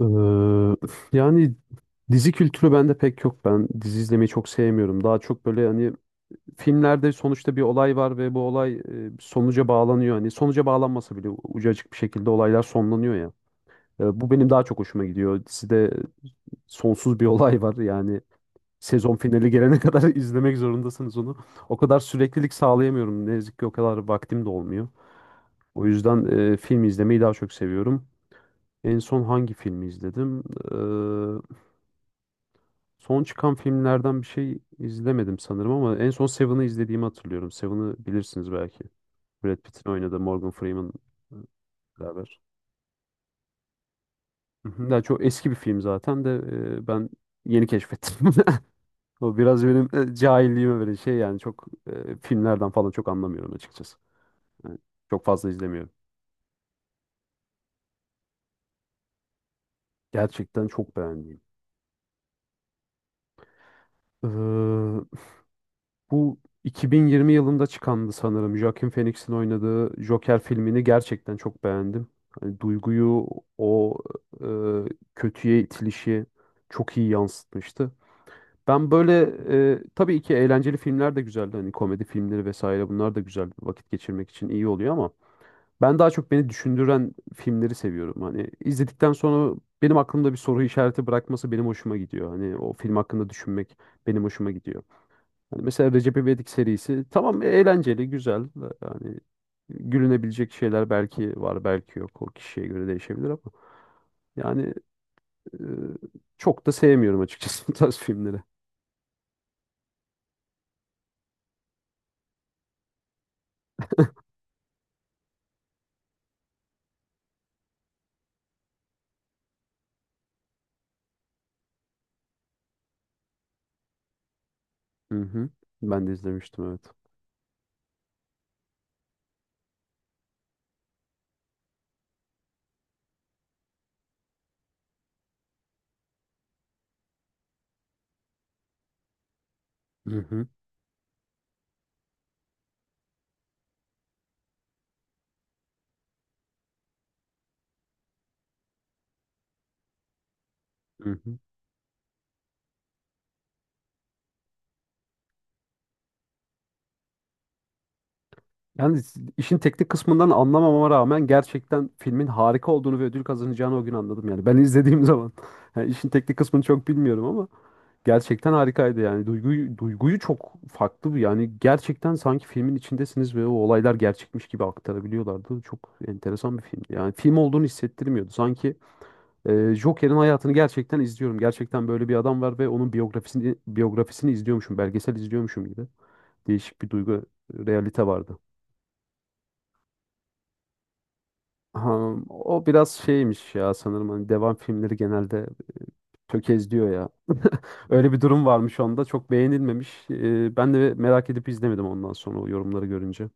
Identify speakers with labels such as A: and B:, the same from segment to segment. A: Ee, yani dizi kültürü bende pek yok. Ben dizi izlemeyi çok sevmiyorum. Daha çok böyle hani filmlerde sonuçta bir olay var ve bu olay sonuca bağlanıyor. Hani sonuca bağlanmasa bile ucu açık bir şekilde olaylar sonlanıyor ya. Bu benim daha çok hoşuma gidiyor. Dizide sonsuz bir olay var. Yani sezon finali gelene kadar izlemek zorundasınız onu. O kadar süreklilik sağlayamıyorum. Ne yazık ki o kadar vaktim de olmuyor. O yüzden film izlemeyi daha çok seviyorum. En son hangi filmi izledim? Ee, Son çıkan filmlerden bir şey izlemedim sanırım ama en son Seven'ı izlediğimi hatırlıyorum. Seven'ı bilirsiniz belki. Brad Pitt'in oynadığı Morgan Freeman e, beraber. Hı hı. Ya çok eski bir film zaten de ben yeni keşfettim. O biraz benim cahilliğime böyle şey yani çok filmlerden falan çok anlamıyorum açıkçası. Yani çok fazla izlemiyorum. Gerçekten çok beğendiğim. Bu 2020 yılında çıkandı sanırım. Joaquin Phoenix'in oynadığı Joker filmini gerçekten çok beğendim. Hani duyguyu o e, kötüye itilişi çok iyi yansıtmıştı. Ben böyle tabii ki eğlenceli filmler de güzeldi. Hani komedi filmleri vesaire bunlar da güzel vakit geçirmek için iyi oluyor ama ben daha çok beni düşündüren filmleri seviyorum. Hani izledikten sonra benim aklımda bir soru işareti bırakması benim hoşuma gidiyor. Hani o film hakkında düşünmek benim hoşuma gidiyor. Hani mesela Recep İvedik serisi tamam eğlenceli, güzel. Yani gülünebilecek şeyler belki var, belki yok. O kişiye göre değişebilir ama yani e, çok da sevmiyorum açıkçası bu tarz filmleri. Hı hı. Ben de izlemiştim evet. Hı hı. Hı hı. Yani işin teknik kısmından anlamamama rağmen gerçekten filmin harika olduğunu ve ödül kazanacağını o gün anladım yani. Ben izlediğim zaman yani işin teknik kısmını çok bilmiyorum ama gerçekten harikaydı yani. Duyguyu çok farklı bir yani gerçekten sanki filmin içindesiniz ve o olaylar gerçekmiş gibi aktarabiliyorlardı. Çok enteresan bir filmdi. Yani film olduğunu hissettirmiyordu. Sanki Joker'in hayatını gerçekten izliyorum. Gerçekten böyle bir adam var ve onun biyografisini izliyormuşum, belgesel izliyormuşum gibi. Değişik bir duygu, realite vardı. Ha, o biraz şeymiş ya sanırım hani devam filmleri genelde tökezliyor ya. Öyle bir durum varmış onda. Çok beğenilmemiş. Ben de merak edip izlemedim ondan sonra o yorumları görünce.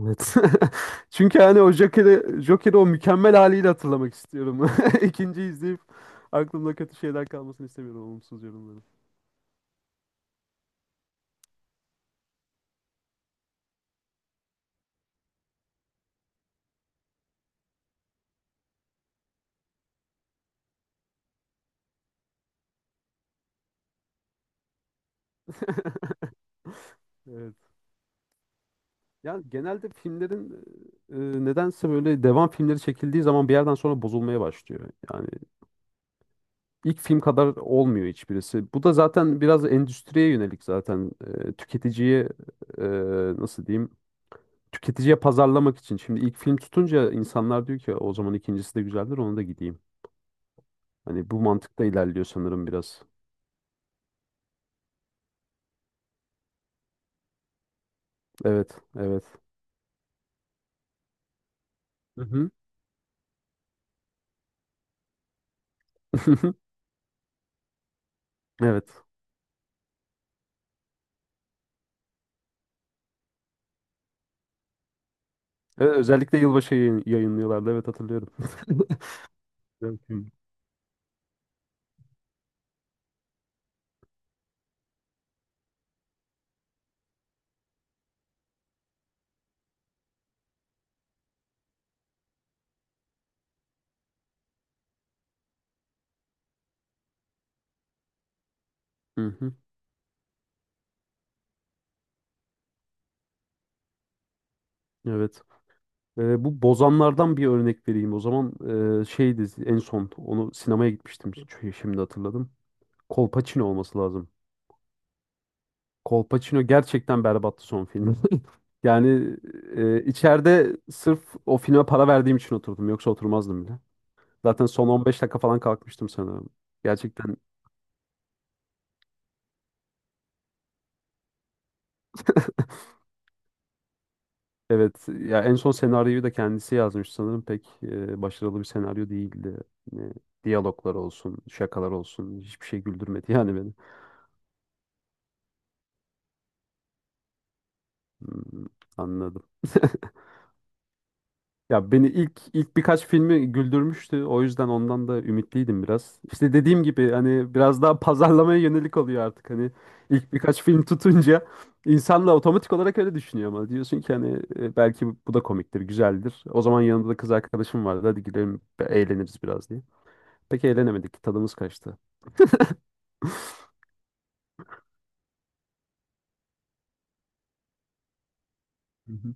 A: Evet. Çünkü hani o Joker'i o mükemmel haliyle hatırlamak istiyorum. İkinci izleyip aklımda kötü şeyler kalmasını istemiyorum olumsuz yorumların. Evet. Yani genelde filmlerin e, nedense böyle devam filmleri çekildiği zaman bir yerden sonra bozulmaya başlıyor. Yani. İlk film kadar olmuyor hiçbirisi. Bu da zaten biraz endüstriye yönelik zaten tüketiciye e, nasıl diyeyim? Tüketiciye pazarlamak için. Şimdi ilk film tutunca insanlar diyor ki o zaman ikincisi de güzeldir ona da gideyim. Hani bu mantıkta ilerliyor sanırım biraz. Evet, evet. Hı hı. Evet. Evet, özellikle yılbaşı yayınlıyorlardı. Evet hatırlıyorum. Evet. Hı hı. Evet. Bu Bozanlardan bir örnek vereyim. O zaman şeydi en son onu sinemaya gitmiştim. Şimdi hatırladım. Kolpaçino olması lazım. Kolpaçino gerçekten berbattı son filmi. Yani içeride sırf o filme para verdiğim için oturdum. Yoksa oturmazdım bile. Zaten son 15 dakika falan kalkmıştım sanırım. Gerçekten evet. Ya en son senaryoyu da kendisi yazmış sanırım. Pek başarılı bir senaryo değildi. Yani diyaloglar olsun, şakalar olsun. Hiçbir şey güldürmedi yani beni. Hmm, anladım. Ya beni ilk birkaç filmi güldürmüştü. O yüzden ondan da ümitliydim biraz. İşte dediğim gibi hani biraz daha pazarlamaya yönelik oluyor artık. Hani ilk birkaç film tutunca insanla otomatik olarak öyle düşünüyor ama diyorsun ki hani belki bu da komiktir, güzeldir. O zaman yanında da kız arkadaşım vardı. Hadi gidelim eğleniriz biraz diye. Pek eğlenemedik. Tadımız kaçtı. Hı hı.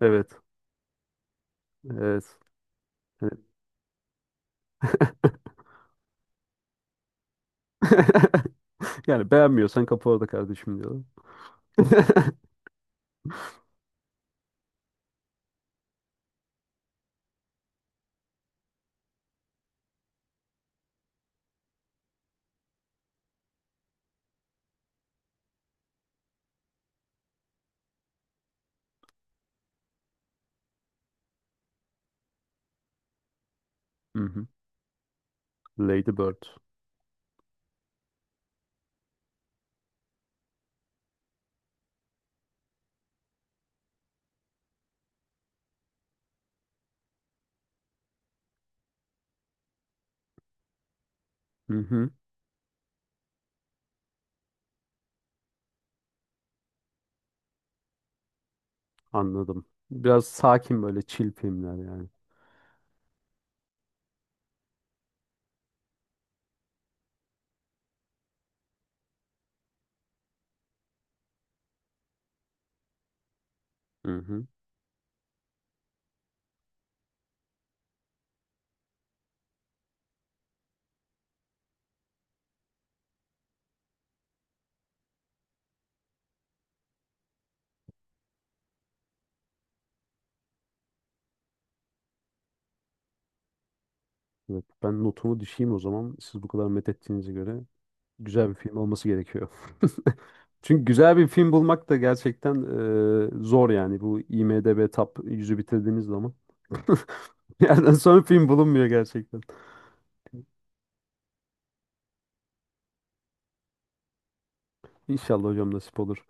A: Evet. Evet. Yani beğenmiyorsan kapa orada kardeşim diyorlar. Hı hı. Lady Bird. Hı hı. Anladım. Biraz sakin böyle chill filmler yani. Hı hı. Evet, ben notumu düşeyim o zaman. Siz bu kadar met ettiğinize göre güzel bir film olması gerekiyor. Çünkü güzel bir film bulmak da gerçekten zor yani. Bu IMDb Top yüzü bitirdiğiniz zaman. Bir yerden sonra film bulunmuyor gerçekten. İnşallah hocam nasip olur.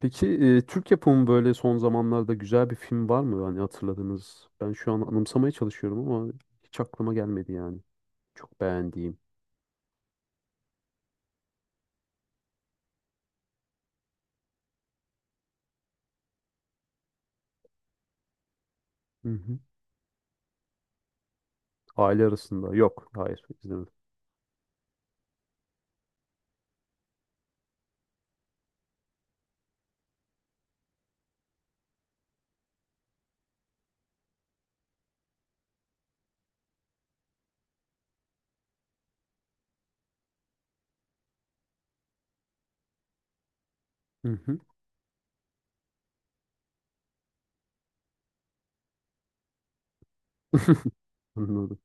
A: Peki Türk yapımı böyle son zamanlarda güzel bir film var mı? Hani hatırladığınız. Ben şu an anımsamaya çalışıyorum ama hiç aklıma gelmedi yani. Çok beğendiğim. Hı hı. Aile arasında. Yok. Hayır. izlemedim. Hı hı. Anladım.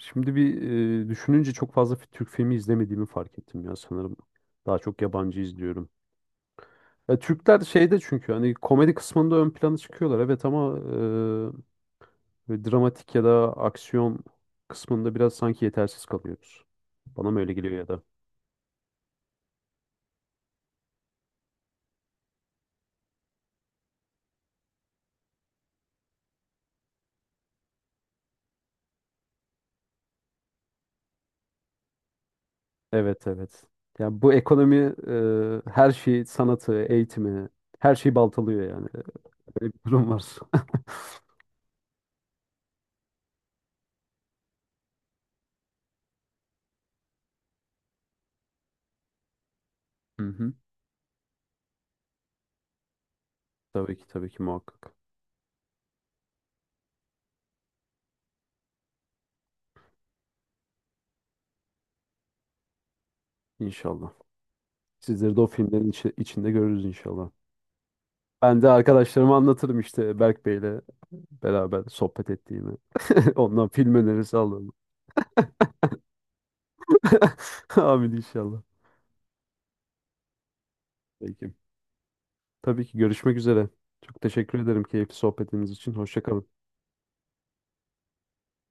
A: Şimdi bir düşününce çok fazla Türk filmi izlemediğimi fark ettim ya sanırım. Daha çok yabancı izliyorum. Ya Türkler şeyde çünkü hani komedi kısmında ön plana çıkıyorlar evet ama böyle dramatik ya da aksiyon kısmında biraz sanki yetersiz kalıyoruz. Bana mı öyle geliyor ya da? Evet evet. Ya bu ekonomi her şeyi sanatı, eğitimi, her şeyi baltalıyor yani. Böyle bir durum var. Hı hı. Tabii ki muhakkak. İnşallah. Sizleri de o filmlerin içinde görürüz inşallah. Ben de arkadaşlarıma anlatırım işte Berk Bey'le beraber sohbet ettiğimi. Ondan film önerisi alırım. Amin inşallah. Peki. Tabii ki görüşmek üzere. Çok teşekkür ederim keyifli sohbetiniz için. Hoşça kalın.